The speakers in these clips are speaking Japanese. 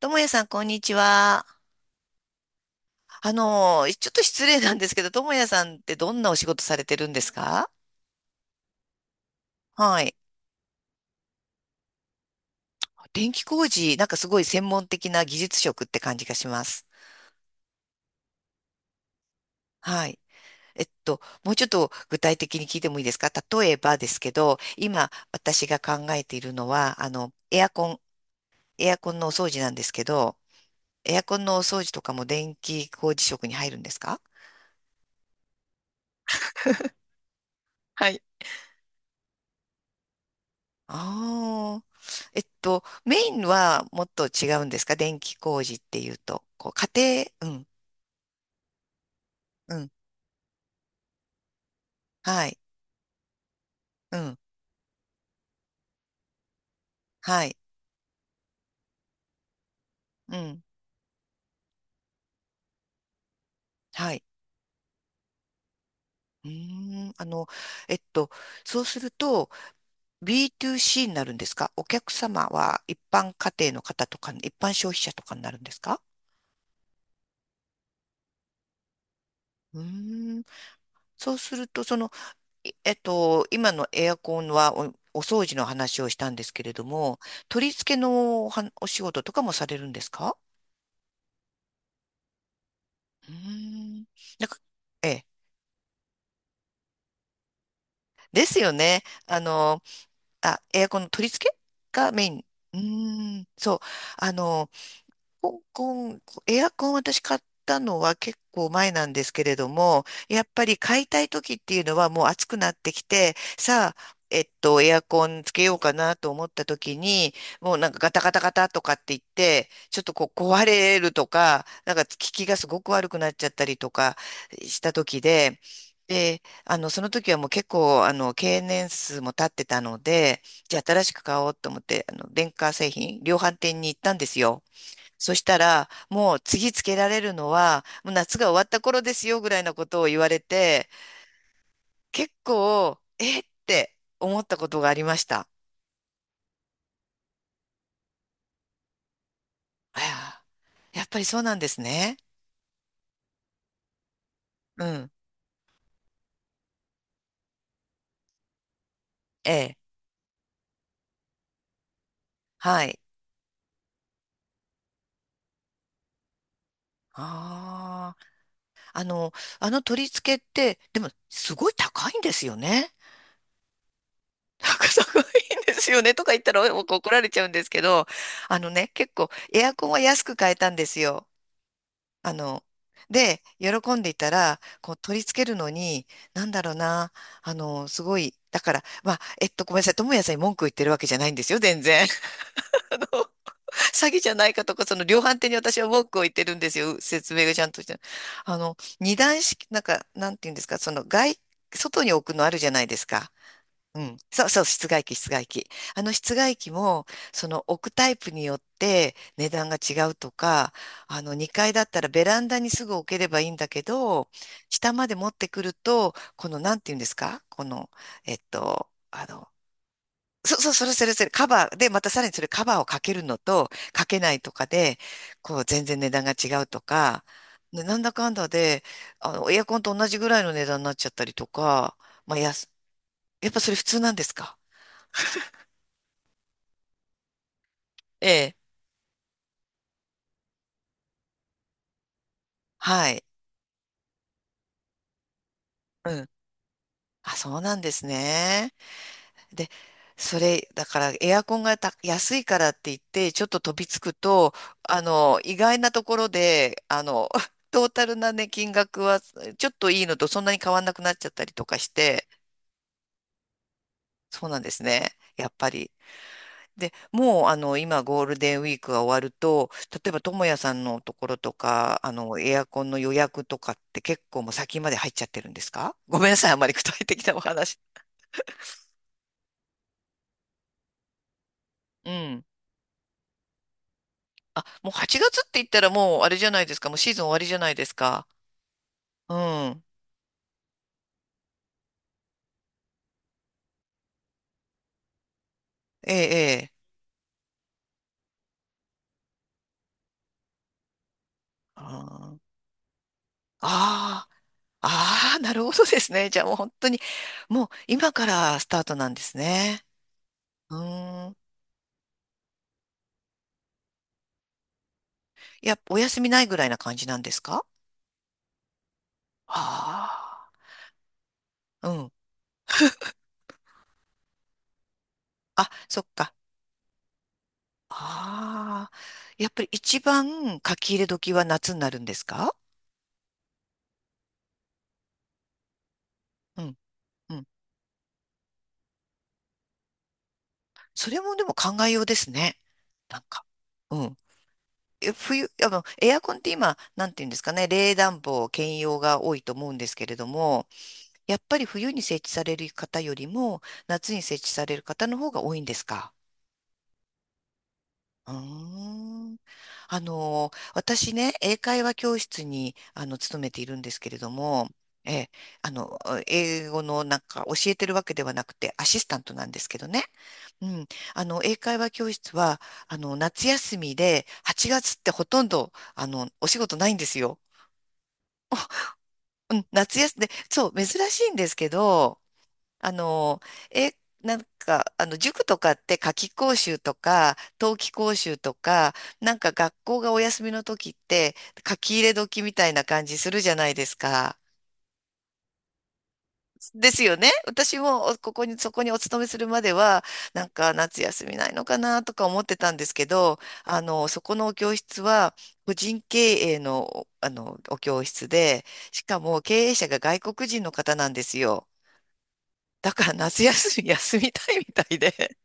ともやさん、こんにちは。ちょっと失礼なんですけど、ともやさんってどんなお仕事されてるんですか？はい。電気工事、なんかすごい専門的な技術職って感じがします。はい。もうちょっと具体的に聞いてもいいですか？例えばですけど、今私が考えているのは、エアコンのお掃除なんですけど、エアコンのお掃除とかも電気工事職に入るんですか？はい、ああ。メインはもっと違うんですか？電気工事っていうと。こう、家庭、うん、うん、はい、うん、はい、うん、はい。うーん、えっと、そうすると b to c になるんですか？お客様は一般家庭の方とか、一般消費者とかになるんですか？うーん、そうすると、その、いえっと、今のエアコンはお掃除の話をしたんですけれども、取り付けのお仕事とかもされるんですか？うーん。なんか、ええ。ですよね。あ、エアコンの取り付けがメイン。うーん。そう。あの、コンコン、エアコン私買ったのは結構前なんですけれども、やっぱり買いたい時っていうのはもう暑くなってきて、さあ、エアコンつけようかなと思った時に、もうなんかガタガタガタとかって言って、ちょっとこう壊れるとか、なんか効きがすごく悪くなっちゃったりとかした時で、で、その時はもう結構、経年数も経ってたので、じゃあ新しく買おうと思って、電化製品、量販店に行ったんですよ。そしたら、もう次つけられるのは、もう夏が終わった頃ですよぐらいのことを言われて、結構、えって思ったことがありました。あやっぱりそうなんですね。うん。ええ。はい。ああ。あの、あの取り付けって、でも、すごい高いんですよね。なんかすごいんですよね。とか言ったら怒られちゃうんですけど、あのね、結構エアコンは安く買えたんですよ。あの、で、喜んでいたら、こう取り付けるのに、なんだろうな、すごい、だから、まあ、ごめんなさい、友也さんに文句を言ってるわけじゃないんですよ、全然。あの、詐欺じゃないかとか、その量販店に私は文句を言ってるんですよ、説明がちゃんとして。あの、二段式、なんか、なんていうんですか、外に置くのあるじゃないですか。うん、そうそう、室外機、室外機。あの室外機も、その置くタイプによって値段が違うとか、あの2階だったらベランダにすぐ置ければいいんだけど、下まで持ってくると、この、なんていうんですかこの、えっと、あの、そうそう、それそれそれ、カバーで、またさらにそれカバーをかけるのと、かけないとかで、こう、全然値段が違うとか、ねなんだかんだで、エアコンと同じぐらいの値段になっちゃったりとか、まあ、やす、やっぱそれ普通なんですか？ええ、はい。うん。あ、そうなんですね。で、それ、だからエアコンが安いからって言って、ちょっと飛びつくと、意外なところで、あの、トータルなね、金額は、ちょっといいのとそんなに変わんなくなっちゃったりとかして、そうなんですね。やっぱり。で、もう、今、ゴールデンウィークが終わると、例えば、ともやさんのところとか、エアコンの予約とかって結構もう先まで入っちゃってるんですか？ ごめんなさい、あまり具体的なお話うん。あ、もう8月って言ったらもうあれじゃないですか。もうシーズン終わりじゃないですか。うん。ええ、ええ。あーあー、あーなるほどですね。じゃあもう本当に、もう今からスタートなんですね。うーん。いや、お休みないぐらいな感じなんですか？ああー、うん。あ、そっか。ああ、やっぱり一番書き入れ時は夏になるんですか？うん、うん。それもでも考えようですね。なんか。うん。冬、エアコンって今、なんていうんですかね、冷暖房兼用が多いと思うんですけれども、やっぱり冬に設置される方よりも、夏に設置される方の方が多いんですか？うーん。あの、私ね、英会話教室に、勤めているんですけれども、ええ、あの、英語のなんか教えてるわけではなくて、アシスタントなんですけどね。うん。英会話教室は、夏休みで、8月ってほとんど、お仕事ないんですよ。うん、夏休みで、そう、珍しいんですけど、あの、え、なんか、塾とかって夏期講習とか、冬季講習とか、なんか学校がお休みの時って、書き入れ時みたいな感じするじゃないですか。ですよね。私もここに、そこにお勤めするまでは、なんか夏休みないのかなとか思ってたんですけど、そこのお教室は、個人経営の、お教室で、しかも経営者が外国人の方なんですよ。だから夏休み休みたいみたいで。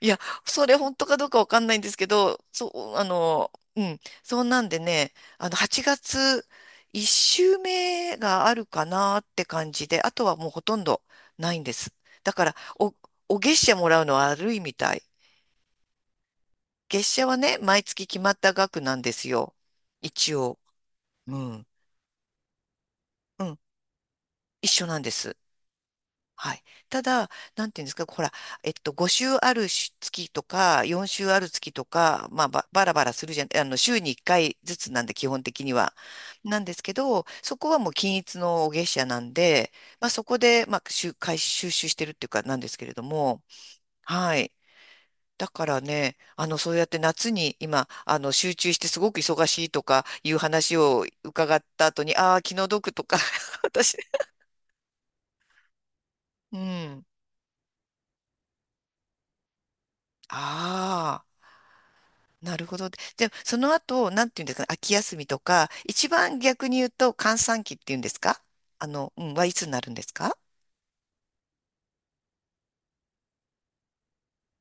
いや、それ本当かどうかわかんないんですけど、そうなんでね、8月1週目があるかなって感じで、あとはもうほとんどないんです。だから、お月謝もらうのは悪いみたい。月謝はね、毎月決まった額なんですよ。一応。うん。うん。一緒なんです。はい。ただ、なんていうんですか、ほら、5週あるし月とか、4週ある月とか、バラバラするじゃん、週に1回ずつなんで、基本的には。なんですけど、そこはもう均一の月謝なんで、まあ、そこで、回収集してるっていうか、なんですけれども、はい。だからね、そうやって夏に今、集中してすごく忙しいとかいう話を伺った後に、ああ、気の毒とか、私、うん。ああ。なるほど。で、その後、なんていうんですかね、秋休みとか、一番逆に言うと、閑散期っていうんですか？はいつになるんですか？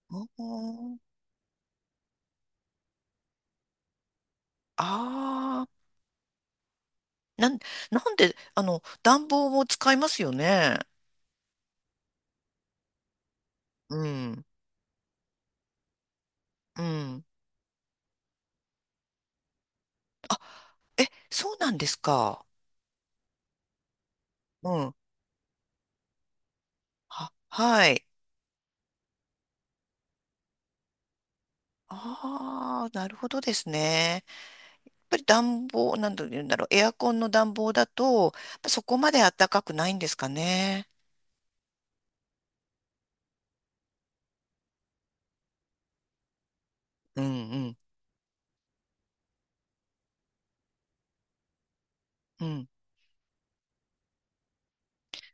おーああ、なん、なんで、暖房も使いますよね。うん、うん。あ、え、そうなんですか。うん。は、はい。ああ、なるほどですね。やっぱり暖房、なんて言うんだろう、エアコンの暖房だと、やっぱそこまで暖かくないんですかね。うん、うん。うん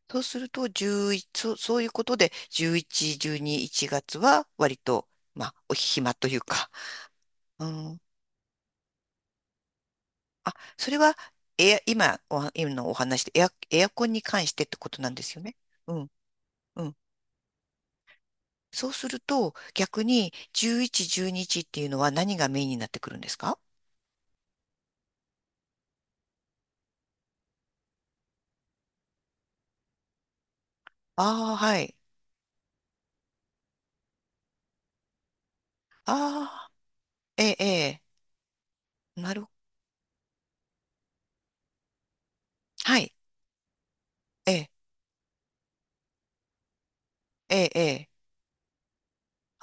そうすると、11、そうそういうことで、11、12、1月は割と、まあ、お暇というか、うん。あ、それは、今、今のお話でエアコンに関してってことなんですよね。うん、うん。そうすると、逆に、11、12日っていうのは何がメインになってくるんですか？ああー、はい。ああ、ええ、ええ、はい、ええ、ええ、え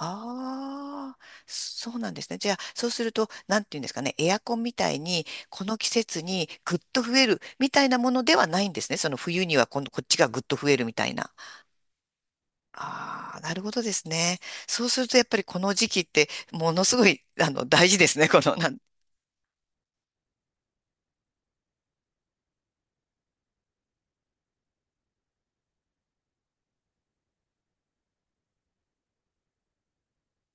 ああ、そうなんですね。じゃあ、そうすると、なんていうんですかね、エアコンみたいに、この季節にぐっと増えるみたいなものではないんですね。その冬には今こっちがぐっと増えるみたいな。ああ、なるほどですね。そうすると、やっぱりこの時期って、ものすごい、大事ですね。この、なんて